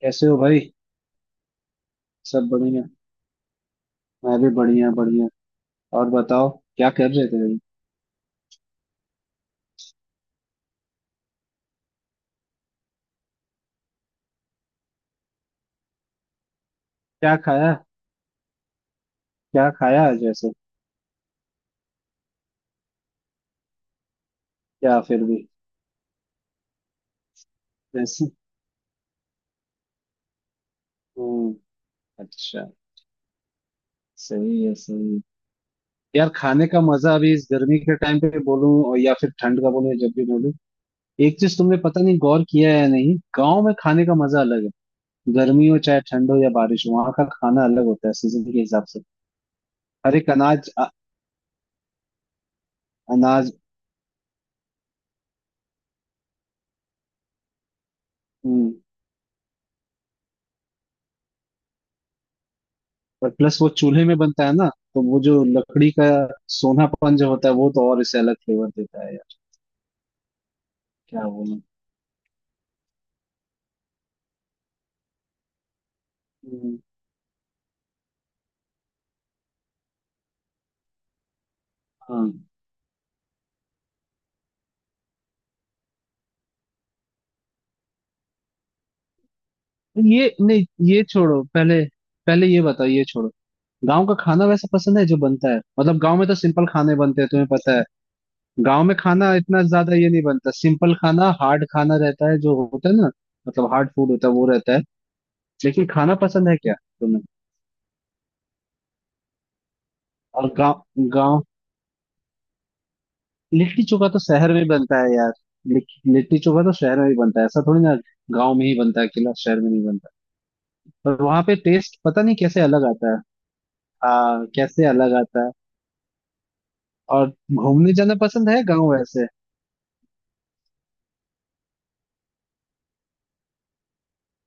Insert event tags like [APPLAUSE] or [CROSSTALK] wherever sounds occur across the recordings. कैसे हो भाई। सब बढ़िया। मैं भी बढ़िया बढ़िया। और बताओ। क्या कर रहे थे भाई। क्या खाया। क्या खाया आज ऐसे। क्या फिर भी। जैसे। हम्म। अच्छा। सही है सही है। यार खाने का मजा अभी इस गर्मी के टाइम पे बोलूं और या फिर ठंड का बोलूं या जब भी बोलूं। एक चीज तुमने पता नहीं गौर किया है या नहीं, गाँव में खाने का मजा अलग है। गर्मी हो चाहे ठंड हो या बारिश हो वहां का खाना अलग होता है सीजन के हिसाब से। हर एक अनाज अनाज। हम्म। और प्लस वो चूल्हे में बनता है ना, तो वो जो लकड़ी का सोनापन जो होता है वो तो और इसे अलग फ्लेवर देता है यार। क्या बोलूं। हम्म। हाँ। ये नहीं, ये छोड़ो पहले। पहले ये बताओ, ये छोड़ो। गांव का खाना वैसा पसंद है जो बनता है, मतलब गांव में तो सिंपल खाने बनते हैं तुम्हें पता है। गांव में खाना इतना ज्यादा ये नहीं बनता, सिंपल खाना हार्ड खाना रहता है जो होता है ना। मतलब हार्ड फूड होता है वो रहता है। लेकिन खाना पसंद है क्या तुम्हें। और गाँव गाँव। लिट्टी चोखा तो शहर में बनता है यार। लिट्टी लिट्टी चोखा तो शहर में ही बनता है ऐसा थोड़ी ना। गांव में ही बनता है अकेला, शहर में नहीं बनता। पर वहां पे टेस्ट पता नहीं कैसे अलग आता है। हाँ कैसे अलग आता है। और घूमने जाना पसंद है गांव वैसे।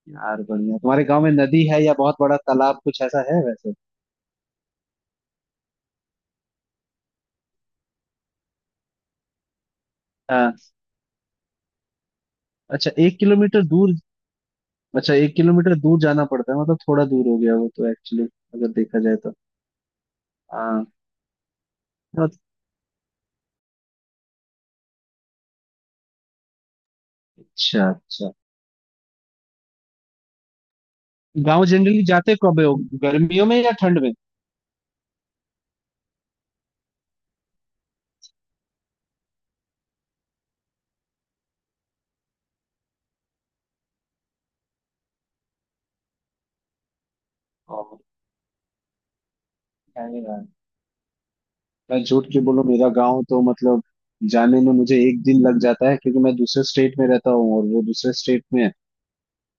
यार बढ़िया, तुम्हारे गांव में नदी है या बहुत बड़ा तालाब कुछ ऐसा है वैसे। हाँ। अच्छा 1 किलोमीटर दूर। अच्छा 1 किलोमीटर दूर जाना पड़ता है, मतलब थोड़ा दूर हो गया वो तो एक्चुअली, अगर देखा जाए तो। हाँ। अच्छा अच्छा। गांव जनरली जाते कब हो, गर्मियों में या ठंड में। है ही यार। मैं झूठ क्यों बोलूं, मेरा गांव तो मतलब जाने में मुझे एक दिन लग जाता है क्योंकि मैं दूसरे स्टेट में रहता हूँ और वो दूसरे स्टेट में है।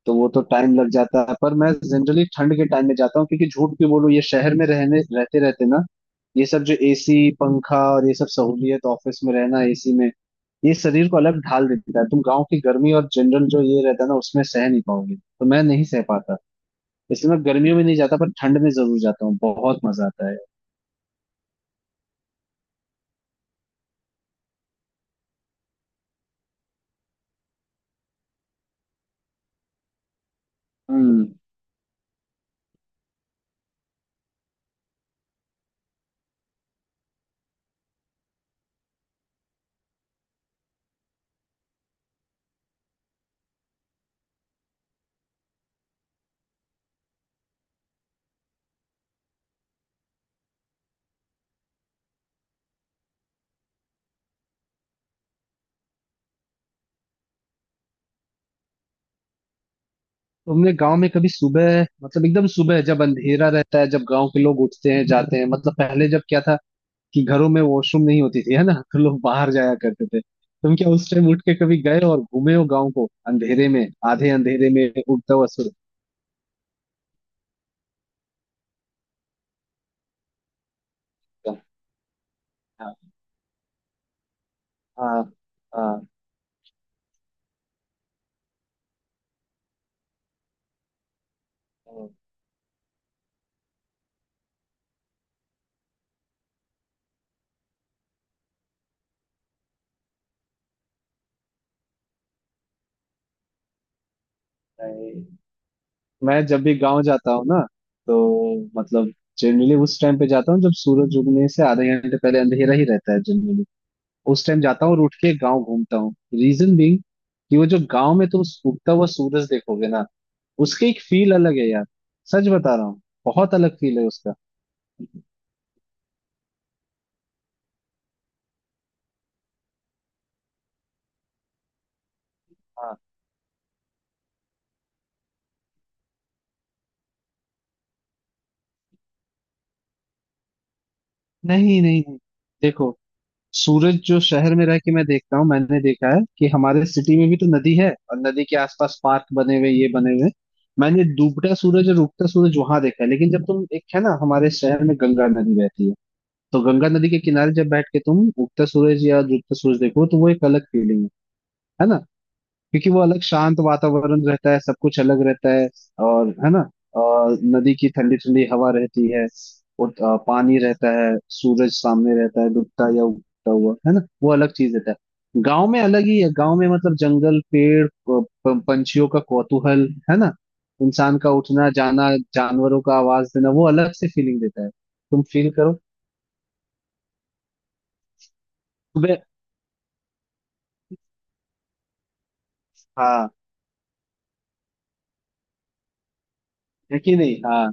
तो वो तो टाइम लग जाता है, पर मैं जनरली ठंड के टाइम में जाता हूँ क्योंकि झूठ क्यों बोलूं, ये शहर में रहने रहते रहते ना, ये सब जो एसी पंखा और ये सब सहूलियत, ऑफिस में रहना एसी में, ये शरीर को अलग ढाल देता है। तुम गांव की गर्मी और जनरल जो ये रहता है ना उसमें सह नहीं पाओगे, तो मैं नहीं सह पाता। इसलिए मैं गर्मियों में नहीं जाता पर ठंड में जरूर जाता हूँ, बहुत मजा आता है। हम्म। तुमने गांव में कभी सुबह, मतलब एकदम सुबह जब अंधेरा रहता है, जब गांव के लोग उठते हैं जाते हैं, मतलब पहले जब क्या था कि घरों में वॉशरूम नहीं होती थी है ना, तो लोग बाहर जाया करते थे, तुम क्या उस टाइम उठ के कभी गए और घूमे हो गांव को अंधेरे में। आधे अंधेरे में उड़ता हुआ सूरज। का? हाँ। हाँ हाँ, हाँ। मैं जब भी गांव जाता हूँ ना, तो मतलब जनरली उस टाइम पे जाता हूँ जब सूरज उगने से आधे घंटे पहले अंधेरा ही रहता है। उस टाइम जाता हूँ और उठ के गाँव घूमता हूँ। रीजन बीइंग कि वो जो गाँव में तुम उगता हुआ सूरज देखोगे ना, उसकी एक फील अलग है यार। सच बता रहा हूँ। बहुत अलग फील है उसका। हाँ। नहीं नहीं नहीं, देखो। सूरज जो शहर में रह के मैं देखता हूँ, मैंने देखा है कि हमारे सिटी में भी तो नदी है और नदी के आसपास पार्क बने हुए ये बने हुए। मैंने डूबता सूरज और उगता सूरज वहां देखा है, लेकिन जब तुम, एक है ना, हमारे शहर में गंगा नदी बहती है। तो गंगा नदी के किनारे जब बैठ के तुम उगता सूरज या डूबता सूरज देखो, तो वो एक अलग फीलिंग है ना। क्योंकि वो अलग शांत वातावरण रहता है, सब कुछ अलग रहता है, और है ना। और नदी की ठंडी ठंडी हवा रहती है। और पानी रहता है, सूरज सामने रहता है डूबता या उगता हुआ, है ना, वो अलग चीज रहता है। गांव में अलग ही है, गांव में मतलब जंगल पेड़, पंछियों का कौतूहल है ना, इंसान का उठना जाना, जानवरों का आवाज देना, वो अलग से फीलिंग देता है। तुम फील करो। सुबह। हाँ। है कि नहीं, हाँ।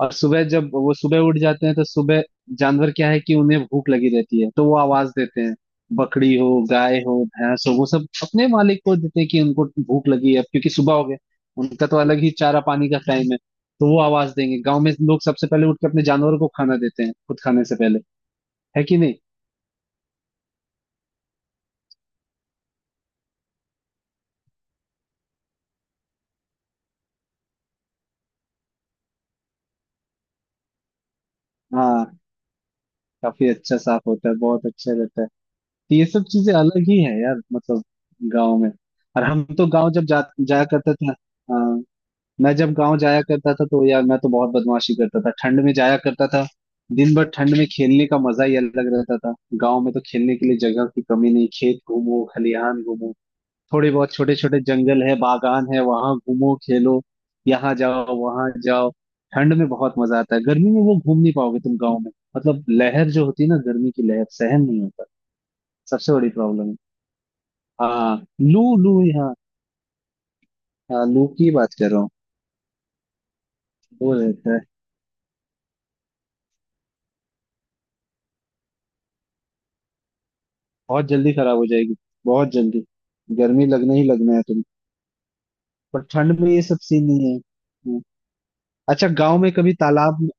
और सुबह जब वो सुबह उठ जाते हैं तो सुबह, जानवर क्या है कि उन्हें भूख लगी रहती है तो वो आवाज देते हैं। बकरी हो गाय हो भैंस हो, वो सब अपने मालिक को देते हैं कि उनको भूख लगी है, अब क्योंकि सुबह हो गया। उनका तो अलग ही चारा पानी का टाइम है। तो वो आवाज देंगे, गांव में लोग सबसे पहले उठ के अपने जानवरों को खाना देते हैं खुद खाने से पहले। है कि नहीं। हाँ। काफी अच्छा साफ होता है, बहुत अच्छा रहता है। तो ये सब चीजें अलग ही है यार, मतलब गाँव में। और हम तो गाँव जब जा जाया करते थे। हाँ। मैं जब गांव जाया करता था तो यार मैं तो बहुत बदमाशी करता था, ठंड में जाया करता था। दिन भर ठंड में खेलने का मजा ही अलग रहता था। गांव में तो खेलने के लिए जगह की कमी नहीं, खेत घूमो खलिहान घूमो, थोड़े बहुत छोटे छोटे जंगल है बागान है, वहां घूमो खेलो, यहाँ जाओ वहां जाओ। ठंड में बहुत मजा आता है, गर्मी में वो घूम नहीं पाओगे तुम गाँव में। मतलब लहर जो होती है ना, गर्मी की लहर सहन नहीं होता, सबसे बड़ी प्रॉब्लम है। हाँ लू लू यहाँ। हाँ लू की बात कर रहा हूँ। वो रहता है। बहुत जल्दी खराब हो जाएगी, बहुत जल्दी, गर्मी लगना ही लगना है तुम्हें। पर ठंड में ये सब सीन नहीं है। हम्म। अच्छा गांव में कभी तालाब में।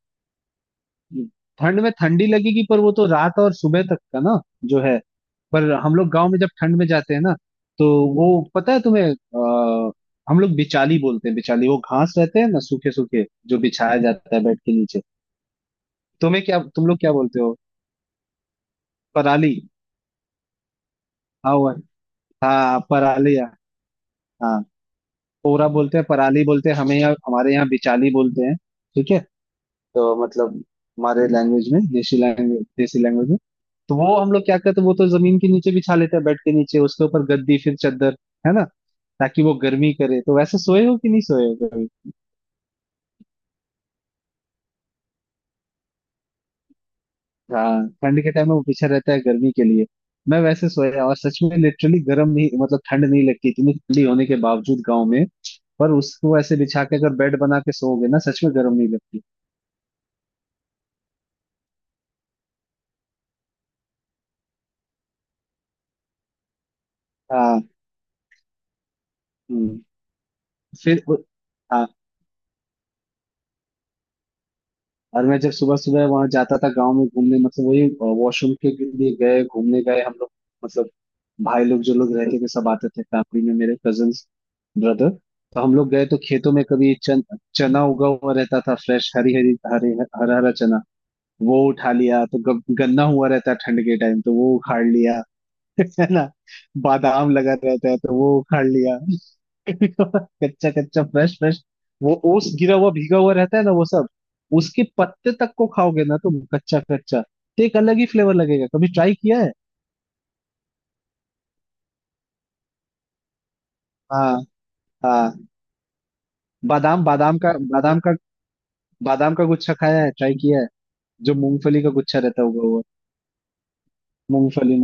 ठंड में ठंडी लगेगी पर वो तो रात और सुबह तक का ना जो है। पर हम लोग गांव में जब ठंड में जाते हैं ना, तो वो, पता है तुम्हें, हम लोग बिचाली बोलते हैं, बिचाली वो घास रहते हैं ना, सूखे सूखे जो बिछाया जाता है बेड के नीचे। तुम्हें क्या, तुम लोग क्या बोलते हो। पराली। हाँ। हाँ पराली। हाँ। पोरा बोलते हैं, पराली बोलते हैं, हमें यहाँ, हमारे यहाँ बिचाली बोलते हैं। ठीक है। तो मतलब हमारे लैंग्वेज में, देसी लैंग्वेज, देसी लैंग्वेज में, तो वो हम लोग क्या करते हैं, वो तो जमीन के नीचे बिछा लेते हैं, बेड के नीचे उसके ऊपर गद्दी फिर चादर, है ना, ताकि वो गर्मी करे। तो वैसे सोए हो कि नहीं, सोए हो कभी। हाँ ठंड के टाइम में वो पीछे रहता है गर्मी के लिए। मैं वैसे सोया, और सच में लिटरली गर्म नहीं, मतलब ठंड नहीं लगती इतनी ठंडी होने के बावजूद गाँव में। पर उसको ऐसे बिछा के अगर बेड बना के सोओगे ना, सच में गर्म नहीं लगती। हाँ। हम्म। फिर। हाँ। और मैं जब सुबह सुबह वहां जाता था गांव में घूमने, मतलब वही वॉशरूम के लिए, गए घूमने गए हम लोग, मतलब भाई लोग, जो लोग रहते थे सब आते थे फैमिली में, मेरे कजन्स ब्रदर, तो हम लोग गए तो खेतों में कभी चना उगा हुआ रहता था, फ्रेश हरी हरी हरे, हरा हरा चना, वो उठा लिया। तो गन्ना हुआ रहता है ठंड के टाइम, तो वो उखाड़ लिया, है ना। बादाम लगा रहता है तो वो उखाड़ लिया। [LAUGHS] कच्चा कच्चा फ्रेश फ्रेश, वो ओस गिरा हुआ भीगा हुआ रहता है ना वो सब। उसके पत्ते तक को खाओगे ना तुम, कच्चा कच्चा तो एक अलग ही फ्लेवर लगेगा, कभी ट्राई किया है। हाँ। हाँ। बादाम बादाम का बादाम का बादाम का गुच्छा खाया है, ट्राई किया है। जो मूंगफली का गुच्छा रहता होगा वो। मूंगफली।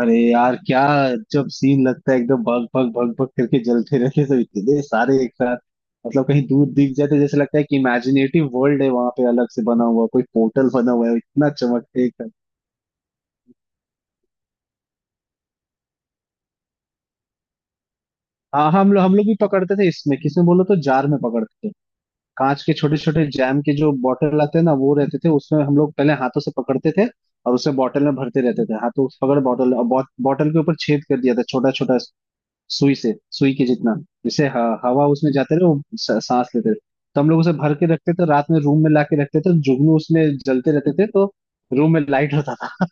अरे यार क्या, जब सीन लगता है एकदम, भग भग भग भग करके जलते रहते हैं सब इतने सारे एक साथ, मतलब कहीं दूर दिख जाते, जैसे लगता है कि इमेजिनेटिव वर्ल्ड है वहां पे अलग से बना हुआ, कोई पोर्टल बना हुआ है, इतना चमकते एकदम। हाँ हाँ, हम लोग भी पकड़ते थे, इसमें किसमें बोलो, तो जार में पकड़ते थे, कांच के छोटे छोटे जैम के जो बॉटल आते हैं ना वो रहते थे उसमें, हम लोग पहले हाथों से पकड़ते थे और उसे बॉटल में भरते रहते थे, हाथों से पकड़, बॉटल, और बॉटल के ऊपर छेद कर दिया था छोटा छोटा, सुई से, सुई के जितना, जैसे हवा उसमें जाते रहे, वो सांस लेते रहे। तो हम लोग उसे भर के रखते थे, रात में रूम में लाके रखते थे, जुगनू उसमें जलते रहते थे तो रूम में लाइट होता था।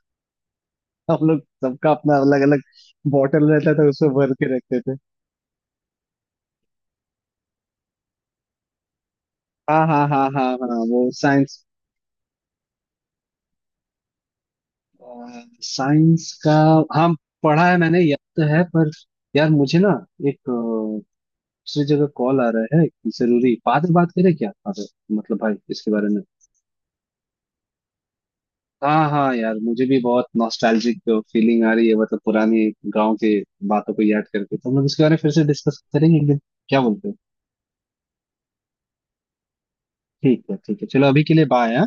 [LAUGHS] हम लोग सबका अपना अलग अलग बॉटल रहता था, उसमें भर के रखते थे। हाँ हाँ हाँ हाँ हाँ, वो साइंस, साइंस का, हाँ, पढ़ा है मैंने, याद तो है पर। यार मुझे ना एक दूसरी जगह कॉल आ रहा है, जरूरी, बाद में बात करें क्या। मतलब भाई इसके बारे में, हाँ हाँ यार मुझे भी बहुत नॉस्टैल्जिक फीलिंग आ रही है, मतलब पुरानी गांव के बातों को याद करके, तो हम लोग इसके बारे में फिर से डिस्कस करेंगे एक दिन, क्या बोलते हो। ठीक है ठीक है, चलो अभी के लिए बाय।